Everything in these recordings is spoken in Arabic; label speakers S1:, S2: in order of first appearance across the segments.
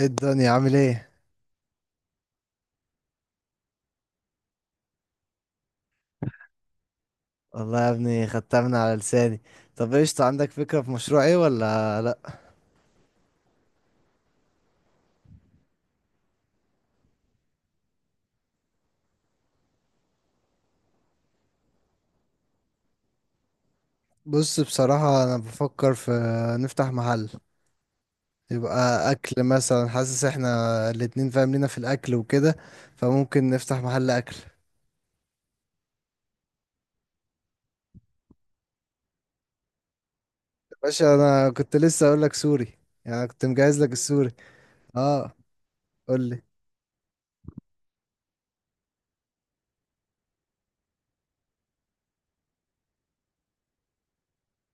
S1: ايه الدنيا عامل ايه؟ والله يا ابني، خدتها من على لساني. طب، ايش عندك؟ فكرة في مشروع، ايه ولا لا؟ بص، بصراحة انا بفكر في نفتح محل، يبقى اكل مثلا. حاسس احنا الاتنين فاهم لينا في الاكل وكده، فممكن نفتح محل اكل. يا باشا، انا كنت لسه اقول لك سوري، يعني أنا كنت مجهز لك السوري. اه، قول لي.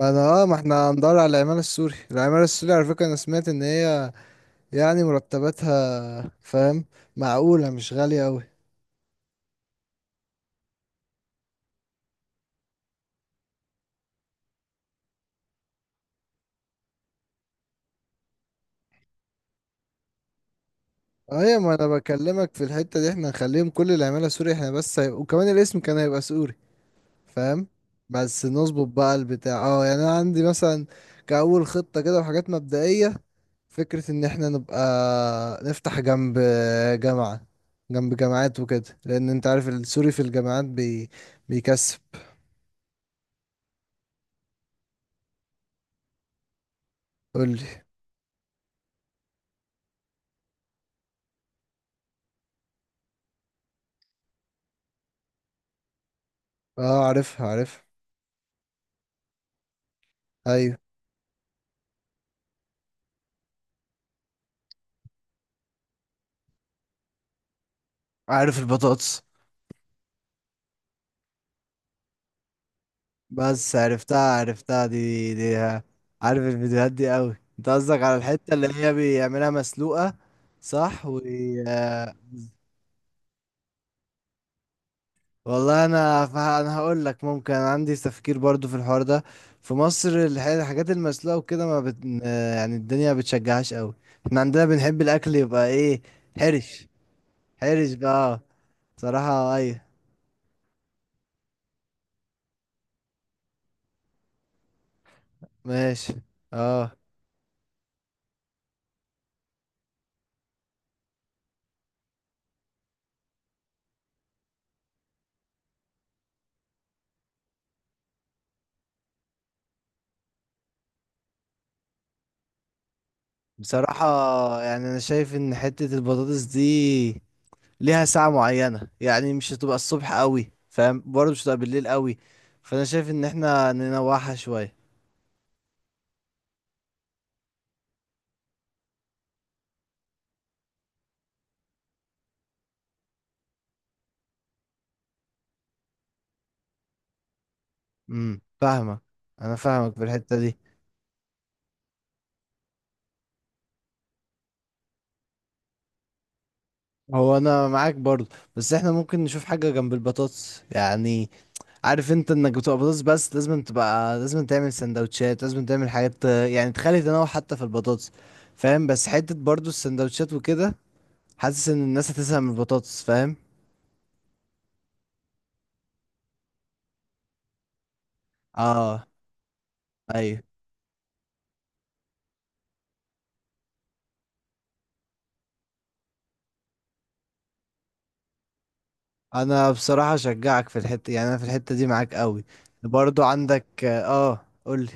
S1: ما انا اه ما احنا هندور على العمالة السوري، العمالة السوري على فكرة. انا سمعت ان هي يعني مرتباتها، فاهم؟ معقولة، مش غالية أوي. ايوه، ما انا بكلمك في الحتة دي، احنا هنخليهم كل العمالة سوري احنا، بس هيبقى وكمان الاسم كان هيبقى سوري، فاهم؟ بس نظبط بقى البتاع، يعني انا عندي مثلا كأول خطة كده، وحاجات مبدئية. فكرة ان احنا نبقى نفتح جامعة جنب جامعات وكده، لان انت عارف السوري في الجامعات بيكسب. قولي. اه، عارفها عارفها. ايوه، عارف البطاطس. بس عرفتها عرفتها دي. عارف الفيديوهات دي قوي؟ انت قصدك على الحتة اللي هي بيعملها مسلوقة؟ صح والله انا هقول لك ممكن عندي تفكير برضو في الحوار ده. في مصر الحاجات المسلوقة وكده ما بت... يعني الدنيا ما بتشجعهاش قوي. احنا عندنا بنحب الاكل، يبقى ايه؟ حرش. حرش بقى. صراحة، ايوه. ماشي. اه. بصراحة يعني انا شايف ان حتة البطاطس دي ليها ساعة معينة، يعني مش هتبقى الصبح قوي، فاهم؟ برضه مش هتبقى بالليل قوي. فانا شايف ان احنا ننوعها شوية. فاهمك. انا فاهمك في الحتة دي. هو انا معاك برضه، بس احنا ممكن نشوف حاجة جنب البطاطس يعني. عارف انت انك بتبقى بطاطس بس، لازم تبقى، لازم تعمل سندوتشات، لازم تعمل حاجات، يعني تخلي تنوع حتى في البطاطس. فاهم؟ بس حتة برضه السندوتشات وكده، حاسس ان الناس هتزهق من البطاطس، فاهم؟ اه. ايوه، انا بصراحة اشجعك في الحتة، يعني انا في الحتة دي معاك قوي. برضو عندك؟ اه، قولي.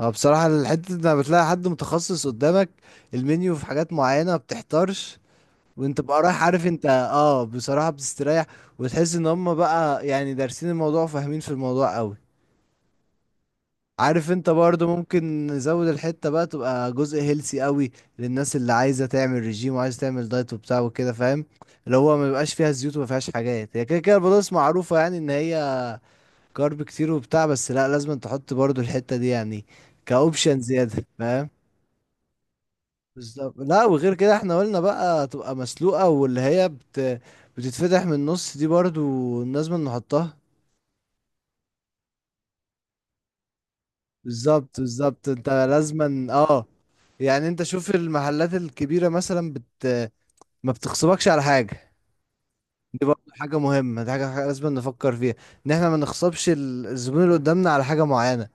S1: اه، بصراحة الحتة دي لما بتلاقي حد متخصص قدامك، المنيو في حاجات معينة ما بتحتارش. وانت بقى رايح، عارف انت، بصراحة بتستريح. وتحس ان هم بقى يعني دارسين الموضوع وفاهمين في الموضوع قوي. عارف انت برضو ممكن نزود الحتة بقى تبقى جزء هيلسي قوي للناس اللي عايزة تعمل ريجيم وعايزة تعمل دايت وبتاع وكده، فاهم؟ اللي هو ما بيبقاش فيها زيوت وما فيهاش حاجات. هي كده كده البطاطس معروفة يعني ان هي كارب كتير وبتاع، بس لا لازم تحط برضو الحتة دي يعني كأوبشن زيادة، فاهم؟ بالظبط. لا وغير كده احنا قلنا بقى تبقى مسلوقة، واللي هي بتتفتح من النص دي برضو لازم نحطها. بالظبط بالظبط، انت لازما يعني انت شوف المحلات الكبيرة مثلا ما بتخصبكش على حاجة. دي برضه حاجة مهمة، دي حاجة لازم نفكر فيها، ان احنا ما نخصبش الزبون اللي قدامنا على حاجة معينة.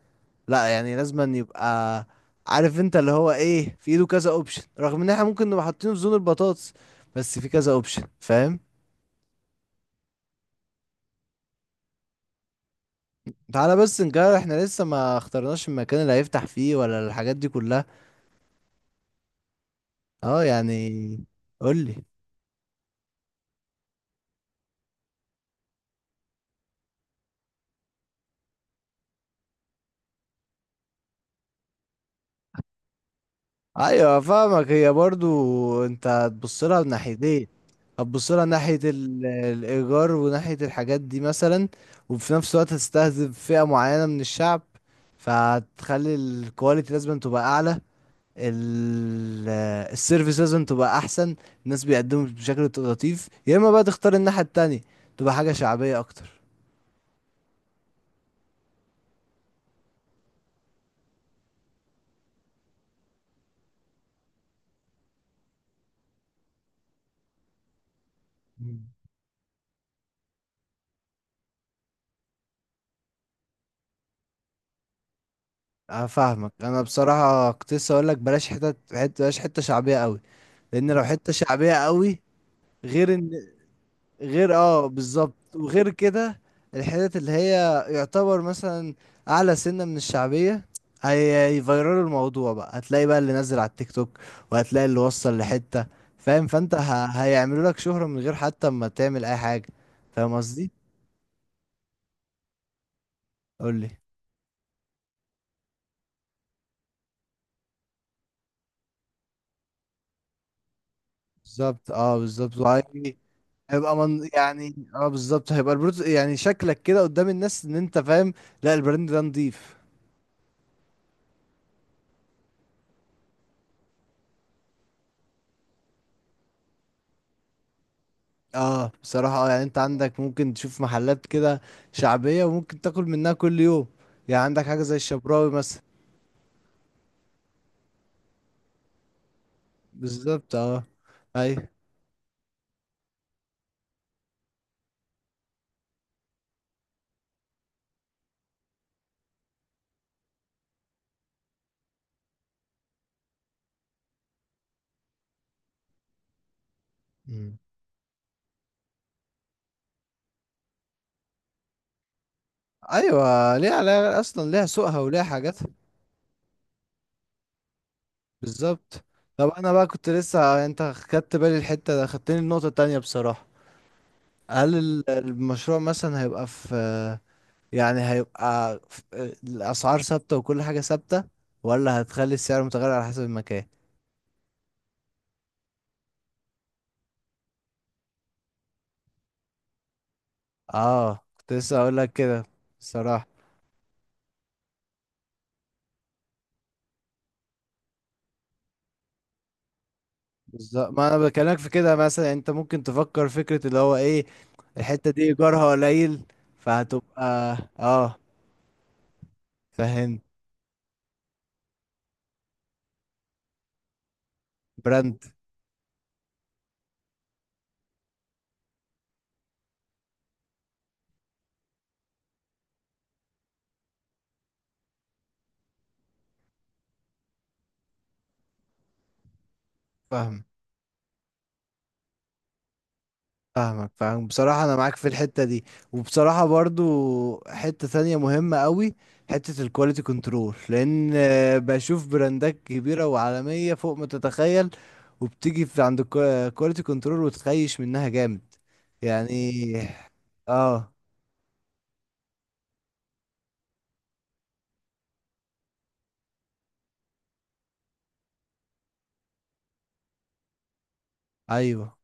S1: لا، يعني لازم يبقى عارف انت اللي هو ايه، في ايده كذا اوبشن رغم ان احنا ممكن نبقى حاطينه في زون البطاطس، بس في كذا اوبشن، فاهم؟ تعالى بس نجرب، احنا لسه ما اخترناش المكان اللي هيفتح فيه ولا الحاجات دي كلها. اه، يعني قولي. ايوه، فاهمك. هي برضو انت هتبص لها من ناحيتين، هتبص لها ناحية الايجار وناحية الحاجات دي مثلا. وفي نفس الوقت هتستهدف فئة معينة من الشعب، فهتخلي الكواليتي لازم تبقى اعلى، ال- السيرفيس لازم تبقى احسن، الناس بيقدموا بشكل لطيف، يا اما بقى تختار الناحية التانية، تبقى حاجة شعبية اكتر. مم. أنا فاهمك. انا بصراحه كنت لسه اقول لك بلاش حته، بلاش حته شعبيه قوي، لان لو حته شعبيه قوي غير ان غير اه بالظبط، وغير كده الحتت اللي هي يعتبر مثلا اعلى سنة من الشعبية هي هيفيرلوا الموضوع بقى، هتلاقي بقى اللي نزل على التيك توك وهتلاقي اللي وصل لحتة، فاهم؟ فانت هيعملوا لك شهرة من غير حتى ما تعمل اي حاجة. فاهم قصدي؟ قول لي. بالظبط. اه، بالظبط هيبقى من يعني، بالظبط هيبقى البروت، يعني شكلك كده قدام الناس ان انت فاهم. لا، البراند ده نضيف. اه، بصراحة يعني انت عندك ممكن تشوف محلات كده شعبية وممكن تاكل منها كل يوم، يعني عندك حاجة زي الشبراوي مثلا. بالظبط. اه. ايوه. مم. ايوه، ليها علاقة اصلا، ليها سوقها وليها حاجاتها. بالظبط. طب انا بقى كنت لسه انت خدت بالي الحتة ده، خدتني النقطة التانية بصراحة. هل المشروع مثلا هيبقى في، يعني هيبقى في، الاسعار ثابتة وكل حاجة ثابتة، ولا هتخلي السعر متغير على حسب المكان؟ اه، كنت لسه اقول لك كده الصراحه. بالظبط، ما انا بكلمك في كده. مثلا انت ممكن تفكر فكره اللي هو ايه، الحته دي ايجارها قليل، فهتبقى. اه، فاهم. براند. فاهم، فاهمك، فاهم. بصراحه انا معاك في الحته دي. وبصراحه برضو، حته تانية مهمه قوي، حته الكواليتي كنترول، لان بشوف براندات كبيره وعالميه فوق ما تتخيل، وبتيجي في عند الكواليتي كنترول وتخيش منها جامد. يعني، اه، ايوه.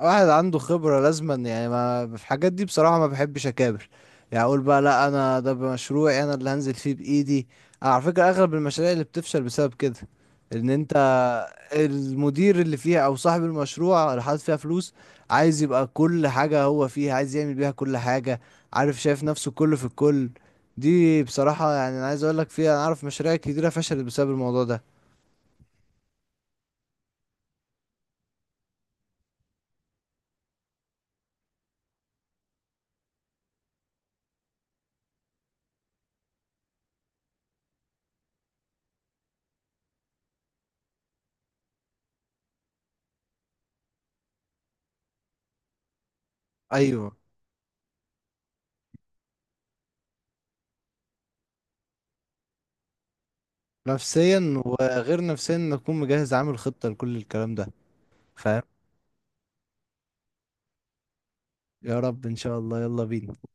S1: واحد عنده خبرة لازما، يعني ما في الحاجات دي بصراحة ما بحبش اكابر. يعني اقول بقى لا، انا ده مشروعي انا اللي هنزل فيه بايدي. على فكرة اغلب المشاريع اللي بتفشل بسبب كده، ان انت المدير اللي فيها او صاحب المشروع اللي حاطط فيها فلوس عايز يبقى كل حاجة هو فيها، عايز يعمل بيها كل حاجة، عارف، شايف نفسه كله في الكل. دي بصراحة يعني انا عايز اقول لك فيها، انا اعرف مشاريع كتيرة فشلت بسبب الموضوع ده. ايوه. نفسيا، وغير نفسيا نكون مجهز عامل خطة لكل الكلام ده، فاهم؟ يا رب، ان شاء الله. يلا بينا.